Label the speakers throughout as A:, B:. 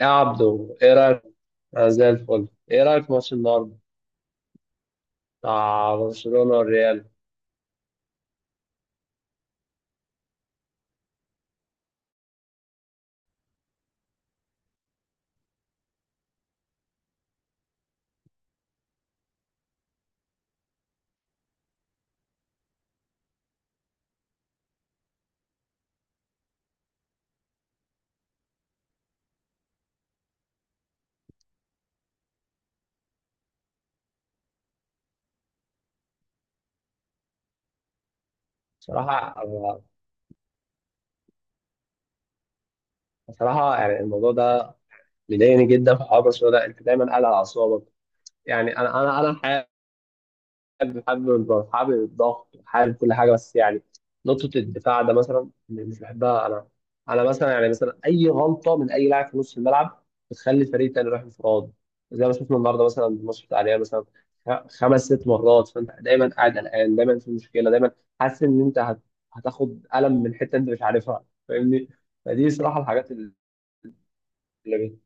A: يا عبدو، ايه رايك؟ انا زي الفل. ايه رايك في ماتش النهارده بتاع برشلونه والريال؟ بصراحه بصراحه يعني الموضوع ده مضايقني جدا في حوار برشلونه ده، انت دايما قاعد على اعصابك. يعني انا الحقيقه حابب الضغط، حابب الضغط، حابب كل حاجه، بس يعني نقطه الدفاع ده مثلا مش بحبها. انا مثلا، يعني مثلا، اي غلطه من اي لاعب في نص الملعب بتخلي الفريق التاني يروح انفراد، زي ما شفنا النهارده مثلا الماتش بتاع الريال مثلا. خمس ست مرات، فانت دايما قاعد قلقان، دايما في مشكله، دايما حاسس ان انت هتاخد قلم من حته انت مش عارفها، فاهمني؟ فدي صراحه الحاجات اللي بت-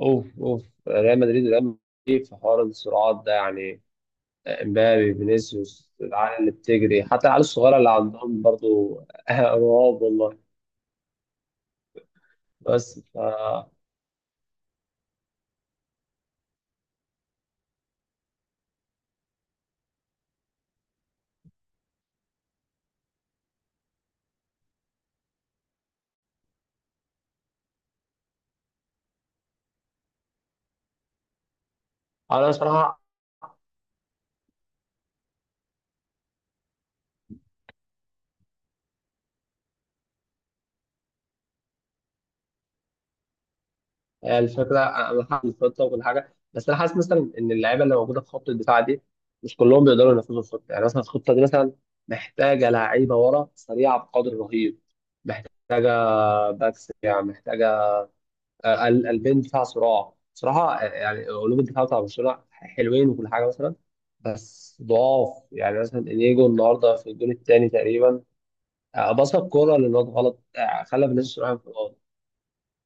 A: اوف اوف. ريال مدريد، ريال مدريد في حوار الصراعات ده، يعني امبابي، فينيسيوس، العيال اللي بتجري، حتى العيال الصغيره اللي عندهم برضو رعب. والله. بس ف انا بصراحه يعني الفكره، انا حاسس الخطه وكل حاجه، بس انا حاسس مثلا ان اللعيبه اللي موجوده في خط الدفاع دي مش كلهم بيقدروا ينفذوا الخطه. يعني مثلا الخطه دي مثلا محتاجه لعيبه ورا سريعه بقدر رهيب، محتاجه باكس يعني، محتاجه. البين بتاع صراع صراحة، يعني قلوب الدفاع بتاع برشلونة حلوين وكل حاجة مثلا، بس ضعاف. يعني مثلا انيجو النهارده في الجول الثاني تقريبا، بص، الكورة للواد غلط، خلى فينيسيوس رايح انفراد.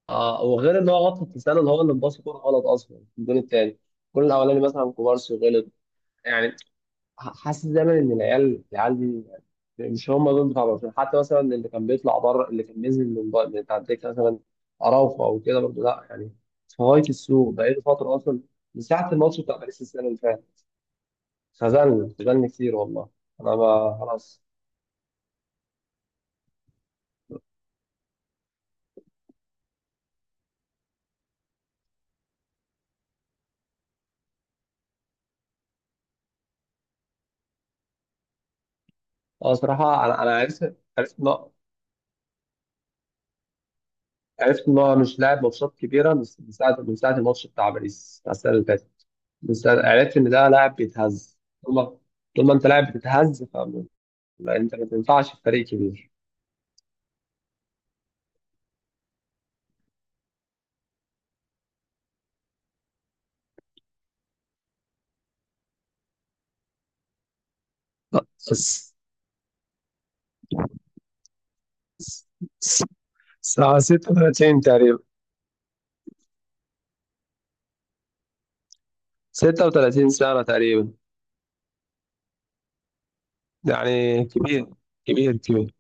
A: اه، وغير ان هو غلط في التسلل، هو اللي مباص الكورة غلط اصلا في الجول الثاني. الجول الاولاني مثلا كوبارسي غلط، يعني حاسس دايما ان العيال دي، يعني مش هم دول بتاع برشلونه، حتى مثلا اللي كان بيطلع بره، اللي كان بينزل من بره من بتاع الدكه مثلا، اراوخو او كده برضه، لا يعني، في غايه السوق بقاله فتره اصلا، من ساعه الماتش بتاع باريس السنه اللي فاتت. خذلنا كتير والله، انا ما خلاص. اه صراحه، انا عرفت عرفت ان هو مش لاعب ماتشات كبيره، من ساعه الماتش بتاع باريس بتاع السنه اللي فاتت. عرفت ان ده لاعب بيتهز. طول ما طول ما انت لاعب بتتهز، لا انت ما تنفعش في فريق كبير. الس- الساعة 36 تقريبا، 36 سنة تقريبا يعني. كبير، كبير، كبير.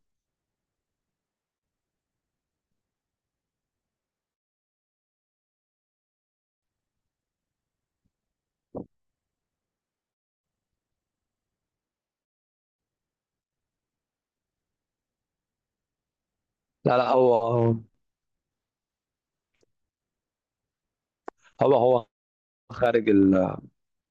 A: لا، لا. هو خارج.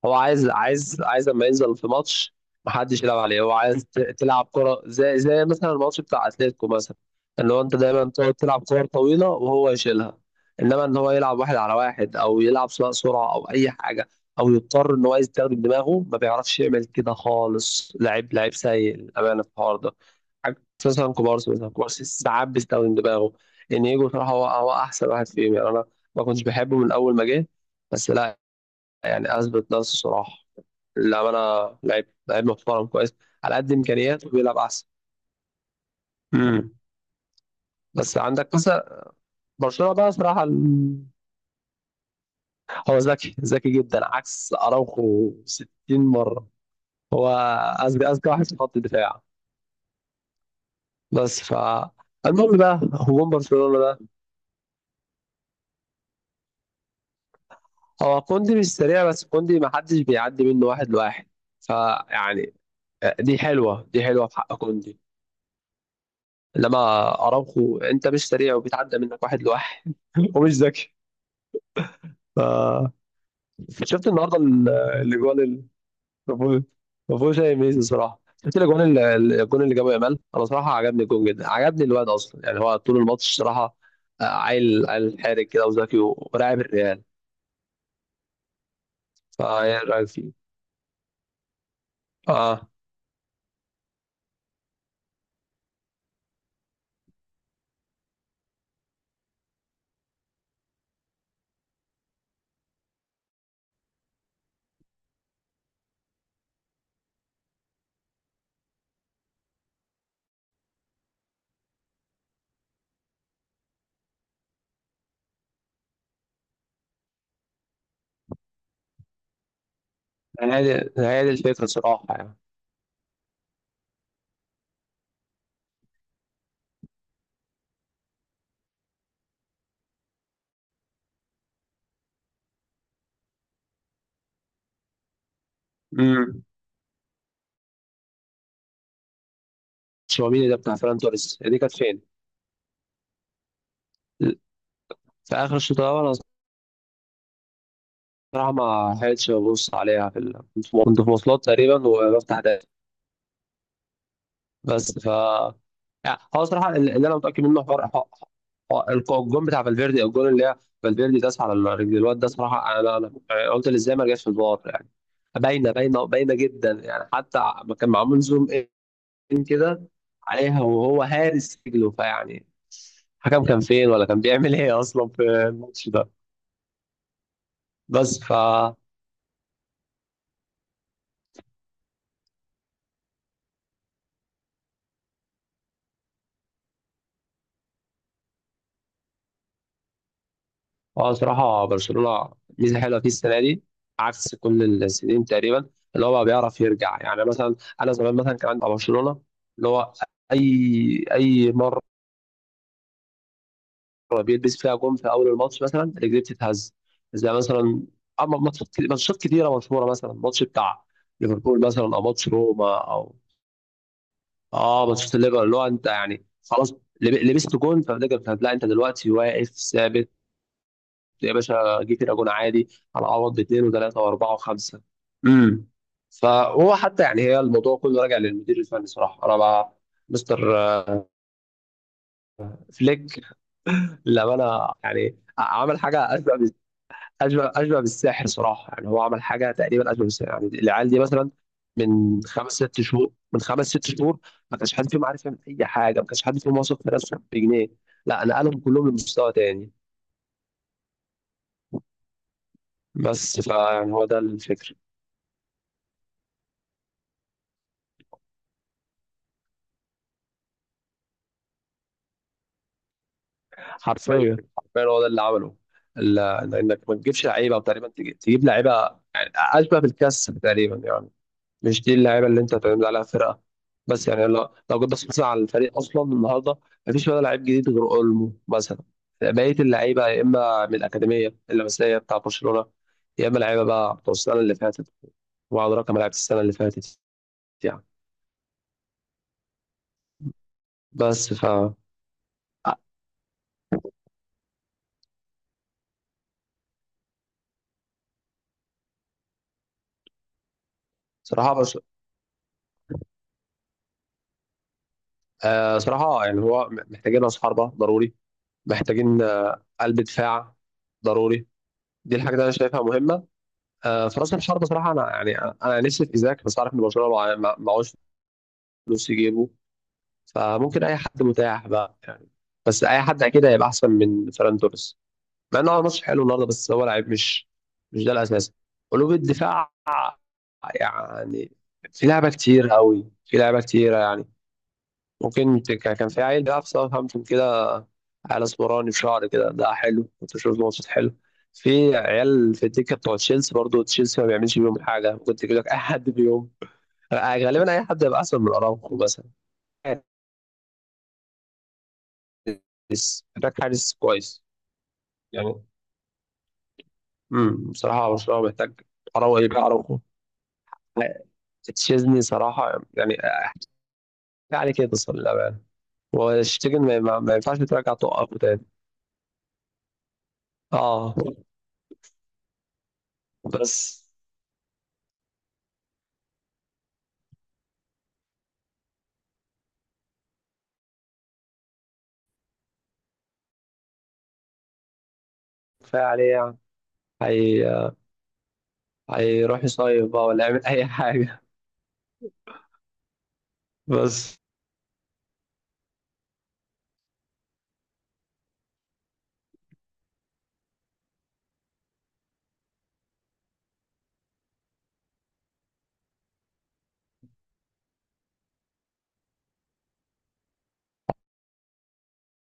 A: هو عايز لما ينزل في ماتش محدش يلعب عليه. هو عايز تلعب كرة، زي مثلا الماتش بتاع اتلتيكو مثلا، ان هو انت دايما تقعد تلعب كور طويلة وهو يشيلها. انما ان هو يلعب واحد على واحد، او يلعب سواء سرعة او اي حاجة، او يضطر ان هو يستخدم دماغه، ما بيعرفش يعمل كده خالص. لعيب، لعيب سيء للأمانة في الحوار ده. عكس مثلا كوبارسي، مثلا كوبارسي ساعات بيستخدم دماغه. انيجو صراحة هو احسن واحد فيهم، يعني انا ما كنتش بحبه من اول ما جه، بس لا يعني اثبت نفسه صراحه، للامانه، لعيب لعيب محترم كويس، على قد امكانياته بيلعب احسن. امم. بس عندك مثلا برشلونه، بقى صراحه، هو ذكي ذكي جدا، عكس اراوخو 60 مره، هو اذكى واحد في خط الدفاع. بس ف المهم بقى هجوم برشلونه ده. هو كوندي مش سريع، بس كوندي ما حدش بيعدي منه واحد لواحد، فيعني دي حلوه في حق كوندي، لما اراوخو انت مش سريع، وبيتعدى منك واحد لواحد، ومش ذكي. ف... شفت النهارده الاجوان اللي ما فيهوش اي ميزه صراحه، شفت الاجوان الجون اللي جابه يامال، انا صراحه عجبني الجون جدا، عجبني الواد اصلا، يعني هو طول الماتش صراحه عيل عيل حارق كده وذكي ولاعب الريال. فايه رايك فيه؟ اه، هي دي الفكره صراحه يعني. امم. تشاوميني ده بتاع فران توريس دي كانت فين؟ في اخر الشوط الاول، انا صراحه ما حاولتش ابص عليها كنت في مواصلات تقريبا وبفتح داتا. بس ف يعني هو صراحة اللي انا متاكد منه، الجون بتاع فالفيردي، او الجون اللي هي فالفيردي داس على رجل الواد ده صراحه. انا قلت ازاي ما رجعش في الفار؟ يعني باينه، باينه، باينه جدا، يعني حتى ما كان معمول زوم ان كده عليها، وهو هارس رجله، فيعني الحكم كان فين؟ ولا كان بيعمل ايه اصلا في الماتش ده؟ بس ف اه صراحة برشلونة ميزة حلوة فيه السنة دي، عكس كل السنين تقريبا، اللي هو بقى بيعرف يرجع. يعني مثلا أنا زمان مثلا كان عندي مع برشلونة، اللي هو أي مرة بيلبس فيها جون في أول الماتش مثلا رجليه بتتهز، زي مثلا، أما ماتشات كتيرة مشهورة، مثلا ماتش بتاع ليفربول مثلا، أو ماتش روما، أو اه ماتشات الليفر، اللي هو أنت يعني خلاص لبست جون، فبتقدر، لا أنت دلوقتي واقف ثابت. يا باشا، جه فرقه جون عادي، هنعوض باثنين وثلاثه واربعه وخمسه. امم. فهو حتى يعني، هي الموضوع كله راجع للمدير الفني صراحه. انا بقى مستر فليك للامانه يعني عمل حاجه اشبه بالسحر صراحه. يعني هو عمل حاجه تقريبا اشبه بالسحر، يعني العيال دي مثلا من خمس ست شهور ما كانش حد فيهم عارف يعمل اي حاجه، ما كانش حد فيهم واثق في نفسه بجنيه، لا، نقلهم كلهم لمستوى تاني. بس فيعني هو ده الفكره. حرفيا هو ده اللي عمله. ال- لانك ما تجيبش لعيبه تقريبا، تجيب لعيبه يعني اشبه بالكاس تقريبا يعني، مش دي اللعيبه اللي انت تعتمد عليها فرقه. بس يعني لو جيت بصيت مثلا على الفريق اصلا النهارده، ما فيش ولا لعيب جديد غير اولمو مثلا. بقيه اللعيبه يا اما من الاكاديميه اللمسيه بتاع برشلونه، يا اما لعيبه بقى بتوع السنه اللي فاتت، وعلى رقم لعيبه السنه اللي فاتت يعني. بس ف صراحه بس صراحه يعني هو محتاجين راس حربه ضروري، محتاجين قلب دفاع ضروري، دي الحاجة اللي أنا شايفها مهمة. في رأس الحربة صراحة أنا يعني أنا نفسي في إيزاك، بس عارف إن برشلونة معهوش فلوس يجيبه. فممكن أي حد متاح بقى يعني، بس أي حد أكيد هيبقى أحسن من فيران توريس، مع إنه عمل ماتش حلو النهاردة، بس هو لعيب مش ده الأساس. قلوب الدفاع يعني في لعبة كتير قوي، في لعبة كتيرة يعني، ممكن كان في عيل بيلعب في ساوثهامبتون كده، على اسمراني في شعري كده، ده حلو، كنت بشوف ماتشات حلو. في عيال في الدكه بتوع تشيلسي برضه، تشيلسي ما بيعملش بيهم حاجه، كنت بيقول لك اي حد بيهم، غالبا اي حد هيبقى احسن من اراوخو مثلا. حارس، محتاج حارس كويس يعني. بصراحه برشلونه محتاج، اراوخو يبقى اراوخو. تشيزني صراحه يعني احكي عليه كده صلى الله عليه. وشتيجن ما ينفعش ترجع توقفه تاني. اه بس، كفايه عليه يعني، هي هيروح يصيف بقى ولا يعمل اي حاجه. بس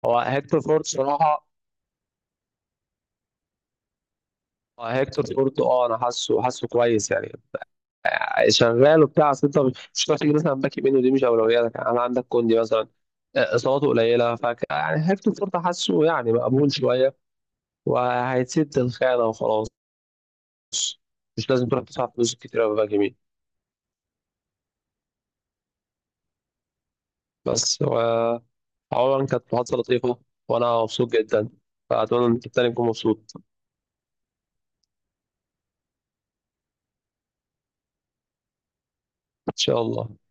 A: هو هيكتور فورت صراحة، هو هيكتور فورت، اه انا حاسه كويس يعني، شغال وبتاع، اصل انت مش هتعرف تيجي مثلا باك يمين، ودي مش اولوياتك يعني. انا عندك كوندي مثلا، اصاباته قليلة، ف يعني هيكتور فورت حاسه يعني مقبول شوية، وهيسد الخانة وخلاص، مش لازم تروح تدفع فلوس كتير قوي باك يمين. بس و عموما كانت محادثة لطيفة، وانا مبسوط جدا، فاتمنى ان انت التاني تكون مبسوط. ان شاء الله.